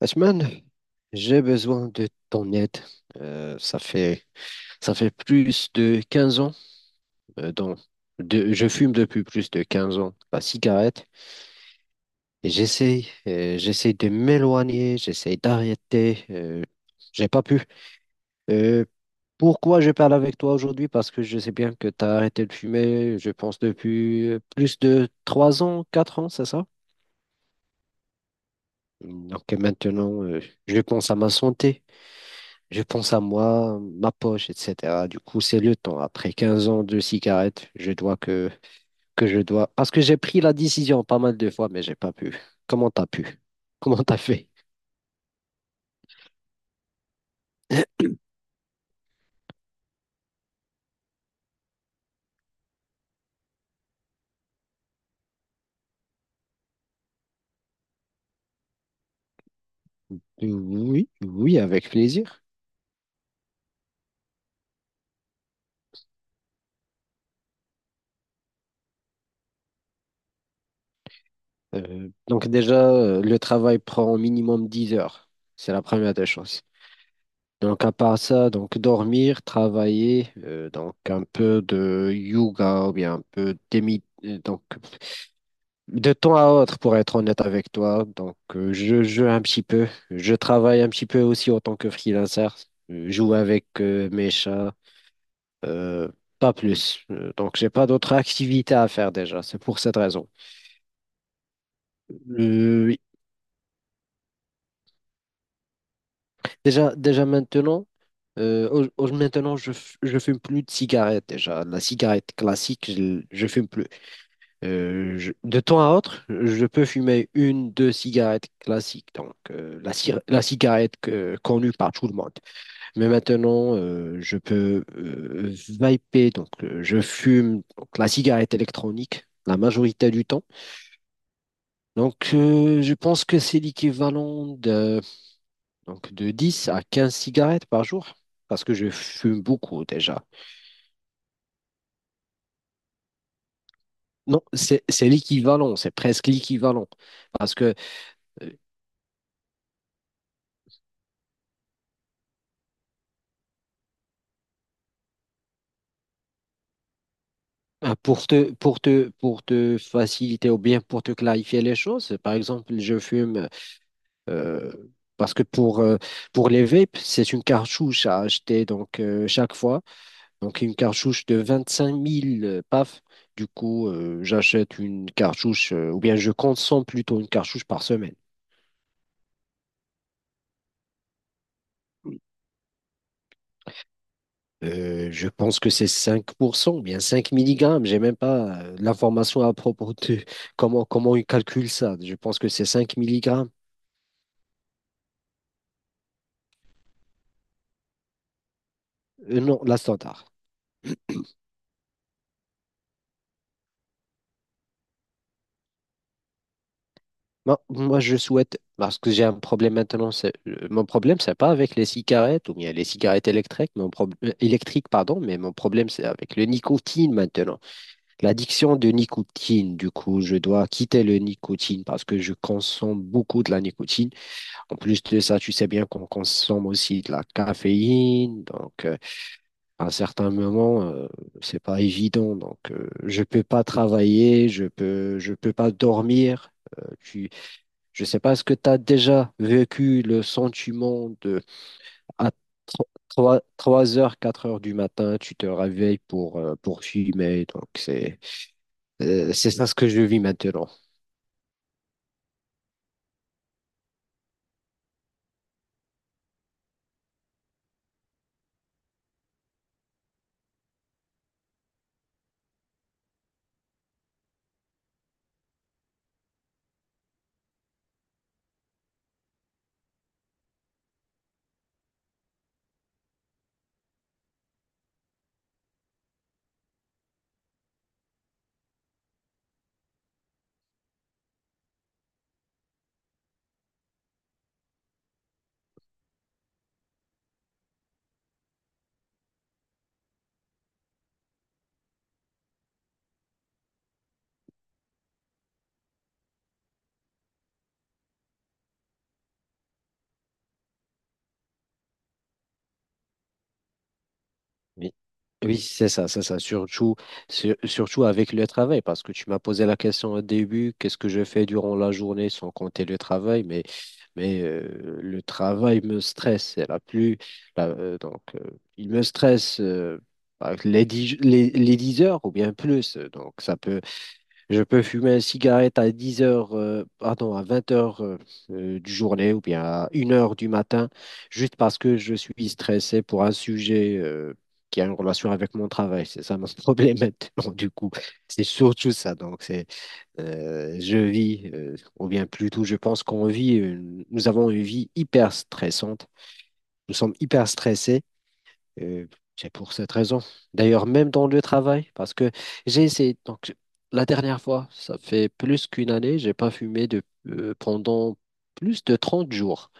Ashman, j'ai besoin de ton aide. Euh, ça fait, Ça fait plus de 15 ans. euh, dans- je fume depuis plus de 15 ans la cigarette et j'essaye de m'éloigner, j'essaie d'arrêter. J'ai pas pu. Euh, Pourquoi je parle avec toi aujourd'hui? Parce que je sais bien que tu as arrêté de fumer, je pense, depuis plus de 3 ans, 4 ans, c'est ça? Donc maintenant, je pense à ma santé. Je pense à moi, ma poche, etc. Du coup, c'est le temps. Après 15 ans de cigarettes, que je dois. Parce que j'ai pris la décision pas mal de fois, mais j'ai pas pu. Comment t'as pu? Comment t'as fait? Oui, oui, avec plaisir. Donc déjà, le travail prend au minimum 10 heures. C'est la première des choses. Donc à part ça, donc dormir, travailler, donc un peu de yoga ou bien un peu donc de temps à autre, pour être honnête avec toi, donc je joue un petit peu. Je travaille un petit peu aussi en tant que freelancer. Je joue avec mes chats, euh, pas plus. Donc j'ai pas d'autres activités à faire déjà. C'est pour cette raison. Oui. Déjà maintenant, maintenant je fume plus de cigarettes déjà. La cigarette classique, je fume plus. De temps à autre, je peux fumer une, deux cigarettes classiques, donc la cigarette connue par tout le monde. Mais maintenant, je peux vaper, donc je fume donc, la cigarette électronique la majorité du temps. Donc, je pense que c'est l'équivalent de, donc, de 10 à 15 cigarettes par jour, parce que je fume beaucoup déjà. Non, c'est l'équivalent, c'est presque l'équivalent, parce que euh, ah, pour te faciliter ou bien pour te clarifier les choses, par exemple, je fume euh, parce que pour les vapes, c'est une cartouche à acheter donc chaque fois. Donc une cartouche de 25 000, paf. Du coup, j'achète une cartouche ou bien je consomme plutôt une cartouche par semaine. Je pense que c'est 5% ou bien 5 milligrammes. J'ai même pas l'information à propos de comment ils calculent ça. Je pense que c'est 5 milligrammes. Non, la standard. Moi, je souhaite, parce que j'ai un problème maintenant, mon problème, c'est pas avec les cigarettes ou bien les cigarettes électriques, électriques, pardon, mais mon problème, c'est avec le nicotine maintenant. L'addiction de nicotine, du coup, je dois quitter le nicotine parce que je consomme beaucoup de la nicotine. En plus de ça, tu sais bien qu'on consomme aussi de la caféine, donc à un certain moment, c'est pas évident. Donc, je peux pas travailler, je peux pas dormir. Euh, tu, je sais pas, est-ce que tu as déjà vécu le sentiment de à trois heures, 4 heures du matin, tu te réveilles pour fumer. Donc, c'est ça ce que je vis maintenant. Oui, oui, c'est ça, c'est ça. Surtout avec le travail, parce que tu m'as posé la question au début, qu'est-ce que je fais durant la journée sans compter le travail, mais le travail me stresse. C'est la plus, la- euh, donc, euh, il me stresse avec les 10, les 10 heures ou bien plus. Donc, je peux fumer une cigarette à 10 heures, pardon, à 20 heures, du journée ou bien à une heure du matin, juste parce que je suis stressé pour un sujet qui a une relation avec mon travail. C'est ça mon problème maintenant, du coup. C'est surtout ça. Donc, je vis, ou bien plutôt, je pense qu'on vit, nous avons une vie hyper stressante. Nous sommes hyper stressés, euh, c'est pour cette raison. D'ailleurs, même dans le travail, parce que j'ai essayé, donc la dernière fois, ça fait plus qu'une année, j'ai pas fumé pendant plus de trente jours.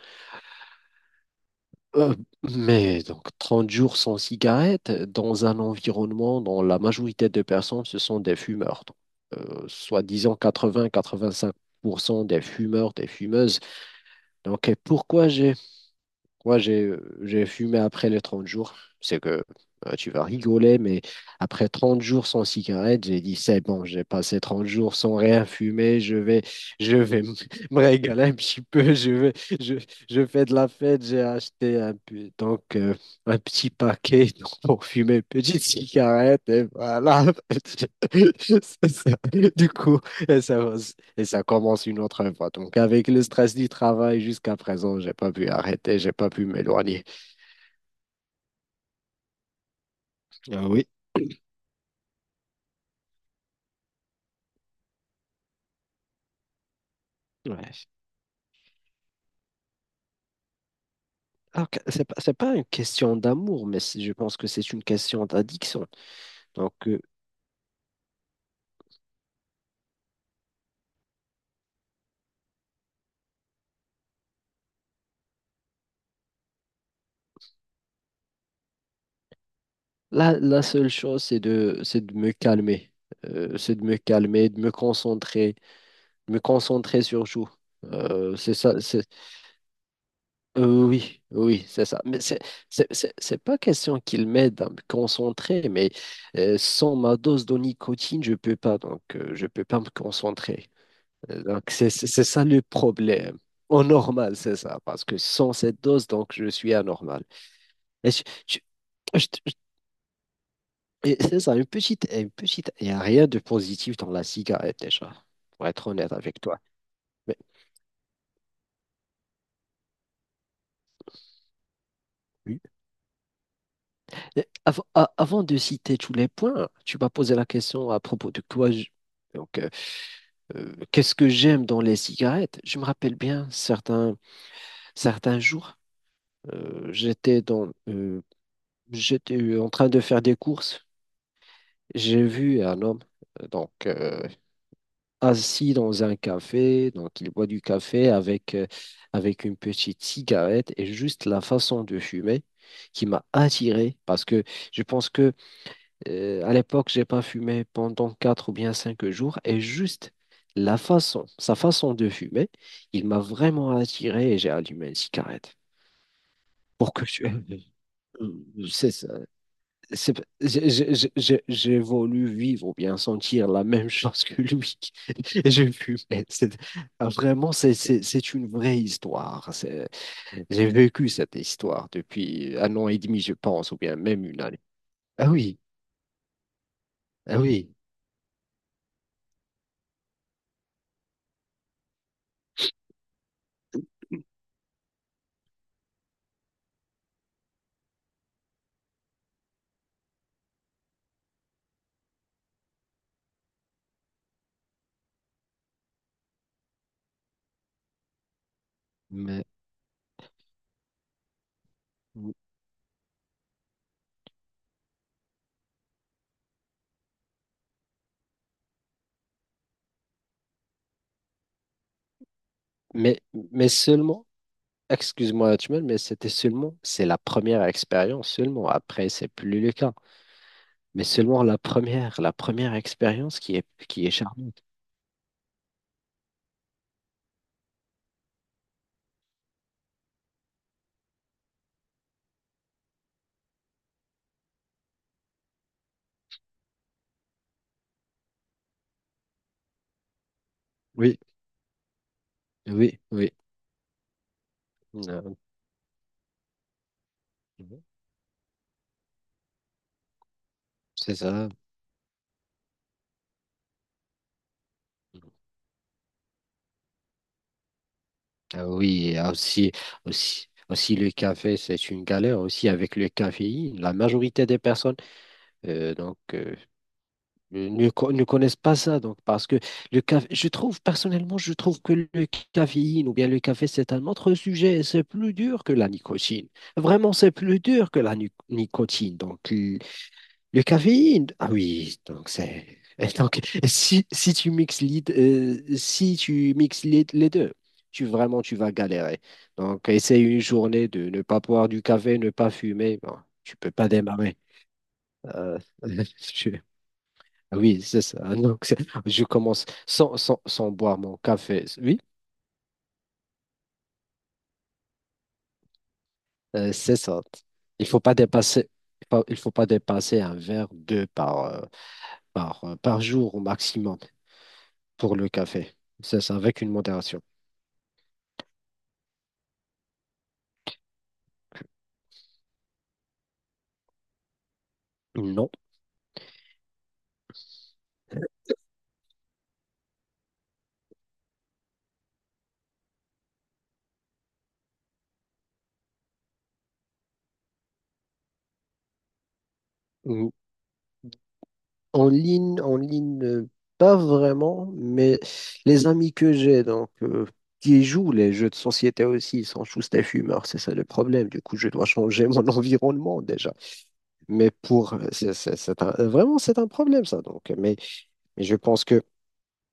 Euh, mais donc 30 jours sans cigarette, dans un environnement dont la majorité de personnes, ce sont des fumeurs. Donc, soi-disant quatre-vingts-quatre-vingt-cinq pour cent des fumeurs, des fumeuses. Donc, et pourquoi j'ai... Moi, j'ai fumé après les 30 jours. C'est que tu vas rigoler, mais après 30 jours sans cigarette, j'ai dit, c'est bon, j'ai passé 30 jours sans rien fumer, je vais, je vais m- me régaler un petit peu, je vais, je, je fais de la fête, j'ai acheté un petit paquet donc, pour fumer une petite cigarette, et voilà. C'est ça. Du coup, ça va, et ça commence une autre fois. Donc, avec le stress du travail jusqu'à présent, j'ai pas pu arrêter, j'ai pas pu m'éloigner. Ah oui. Ouais. Alors que c'est pas une question d'amour, mais je pense que c'est une question d'addiction. Donc, la seule chose, c'est de me calmer. C'est de me calmer, de me concentrer, sur tout. Euh, c'est ça, Oui, oui, c'est ça. Mais c'est pas question qu'il m'aide à me concentrer, mais sans ma dose de nicotine, je peux pas, donc je peux pas me concentrer. Donc c'est ça le problème. Au normal, c'est ça, parce que sans cette dose, donc je suis anormal. Et je- je- je- je- et c'est ça, une petite. Il n'y a rien de positif dans la cigarette déjà, pour être honnête avec toi. Mais oui. Et avant de citer tous les points, tu m'as posé la question à propos de donc, qu'est-ce que j'aime dans les cigarettes? Je me rappelle bien certains jours, euh, j'étais dans, euh, j'étais en train de faire des courses. J'ai vu un homme euh, donc euh, assis dans un café, donc il boit du café avec une petite cigarette et juste la façon de fumer qui m'a attiré parce que je pense que... À l'époque, j'ai pas fumé pendant quatre ou bien cinq jours et juste sa façon de fumer, il m'a vraiment attiré et j'ai allumé une cigarette. Pour que tu aies- Euh, c'est ça. C'est- j'ai voulu vivre ou bien sentir la même chose que lui. Et j'ai fumé. C'est- Vraiment, c'est une vraie histoire. J'ai vécu cette histoire depuis un an et demi, je pense, ou bien même une année. Ah oui, ah oui. Mais, Mais, mais seulement, excuse-moi, Hachmel, mais c'est la première expérience seulement. Après, c'est plus le cas. Mais seulement la première expérience qui est charmante. Oui, oui, oui. Euh, c'est ça. Ah oui, et aussi le café, c'est une galère aussi avec le caféine. La majorité des personnes, euh, donc, euh, ne connaissent pas ça. Donc, parce que le café, je trouve, personnellement, je trouve que le caféine ou bien le café, c'est un autre sujet. C'est plus dur que la nicotine. Vraiment, c'est plus dur que nicotine. Donc, le caféine, ah oui, donc c'est. Et donc, si tu mixes les, les deux, tu vraiment tu vas galérer. Donc, essaye une journée de ne pas boire du café, ne pas fumer. Bon, tu peux pas démarrer. Euh, Ah oui, c'est ça. Donc, je commence sans boire mon café. Oui, c'est ça. Il faut pas dépasser, il faut pas dépasser un verre, deux par jour au maximum pour le café. C'est ça, avec une modération. Non. En ligne, pas vraiment, mais les amis que j'ai, donc, qui jouent les jeux de société aussi, ils sont tous des fumeurs, c'est ça le problème. Du coup, je dois changer mon environnement déjà. Mais pour, c'est un- Vraiment, c'est un problème ça. Donc, mais je pense que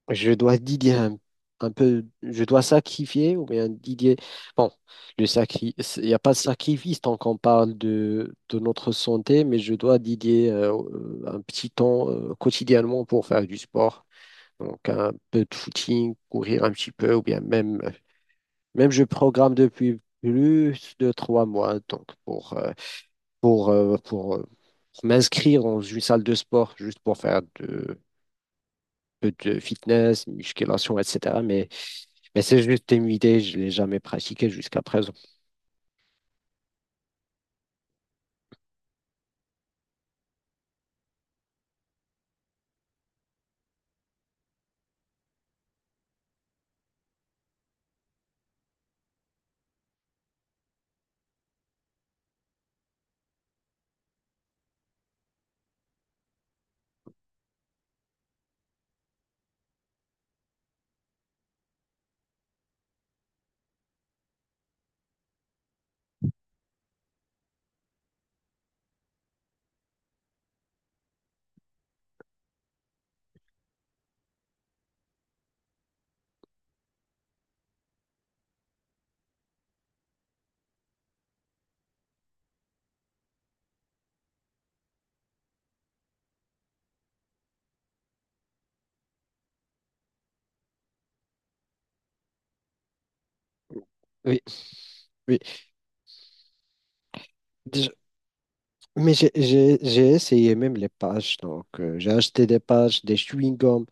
je dois Didier un peu, je dois sacrifier ou bien Didier. Bon, il n'y a pas de sacrifice tant qu'on parle de notre santé, mais je dois Didier un petit temps quotidiennement pour faire du sport. Donc un peu de footing, courir un petit peu, ou bien même je programme depuis plus de trois mois, donc pour m'inscrire dans une salle de sport, juste pour faire peu de fitness, musculation, etc. Mais c'est juste une idée, je ne l'ai jamais pratiqué jusqu'à présent. Oui, oui. Déjà- j'ai essayé même les patchs. Donc, j'ai acheté des patchs, des chewing-gums,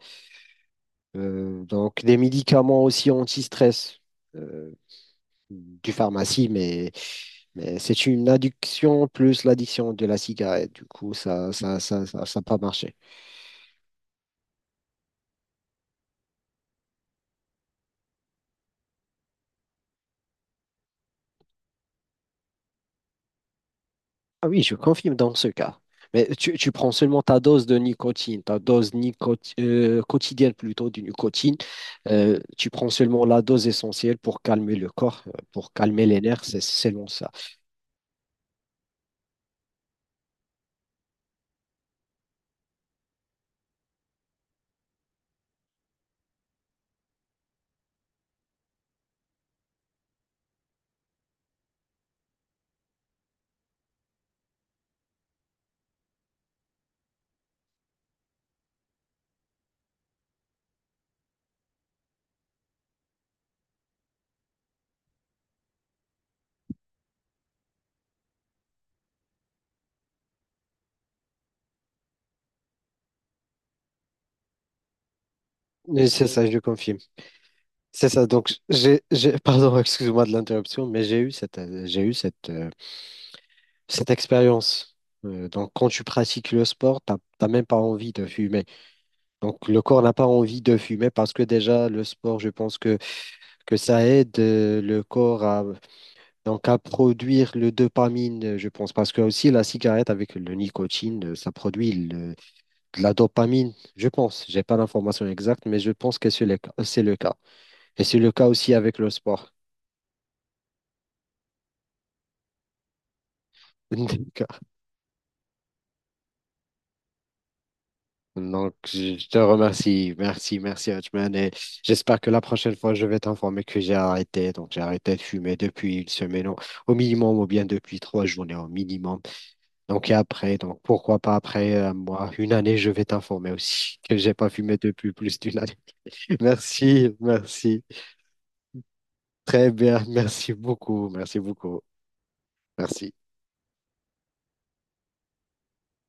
donc des médicaments aussi anti-stress, euh, du pharmacie, mais... Mais c'est une addiction plus l'addiction de la cigarette. Du coup, ça a pas marché. Ah oui, je confirme dans ce cas. Mais tu prends seulement ta dose de nicotine, quotidienne plutôt de nicotine. Tu prends seulement la dose essentielle pour calmer le corps, pour calmer les nerfs, c'est seulement ça. Mais c'est ça, je confirme. C'est ça. Donc, pardon, excuse-moi de l'interruption, mais j'ai eu cette, cette expérience. Donc, quand tu pratiques le sport, t'as même pas envie de fumer. Donc, le corps n'a pas envie de fumer parce que déjà, le sport, je pense que ça aide le corps donc à produire le dopamine, je pense, parce que aussi la cigarette avec le nicotine, ça produit de la dopamine, je pense. J'ai pas l'information exacte, mais je pense que c'est le cas. Et c'est le cas aussi avec le sport. D'accord. Donc, je te remercie. Merci, merci, Hotman. Et j'espère que la prochaine fois, je vais t'informer que j'ai arrêté. Donc, j'ai arrêté de fumer depuis une semaine au minimum, ou bien depuis trois journées au minimum. Donc, et après, donc pourquoi pas après moi, une année, je vais t'informer aussi que j'ai pas fumé depuis plus d'une année. Merci, merci. Très bien, merci beaucoup, merci beaucoup, merci.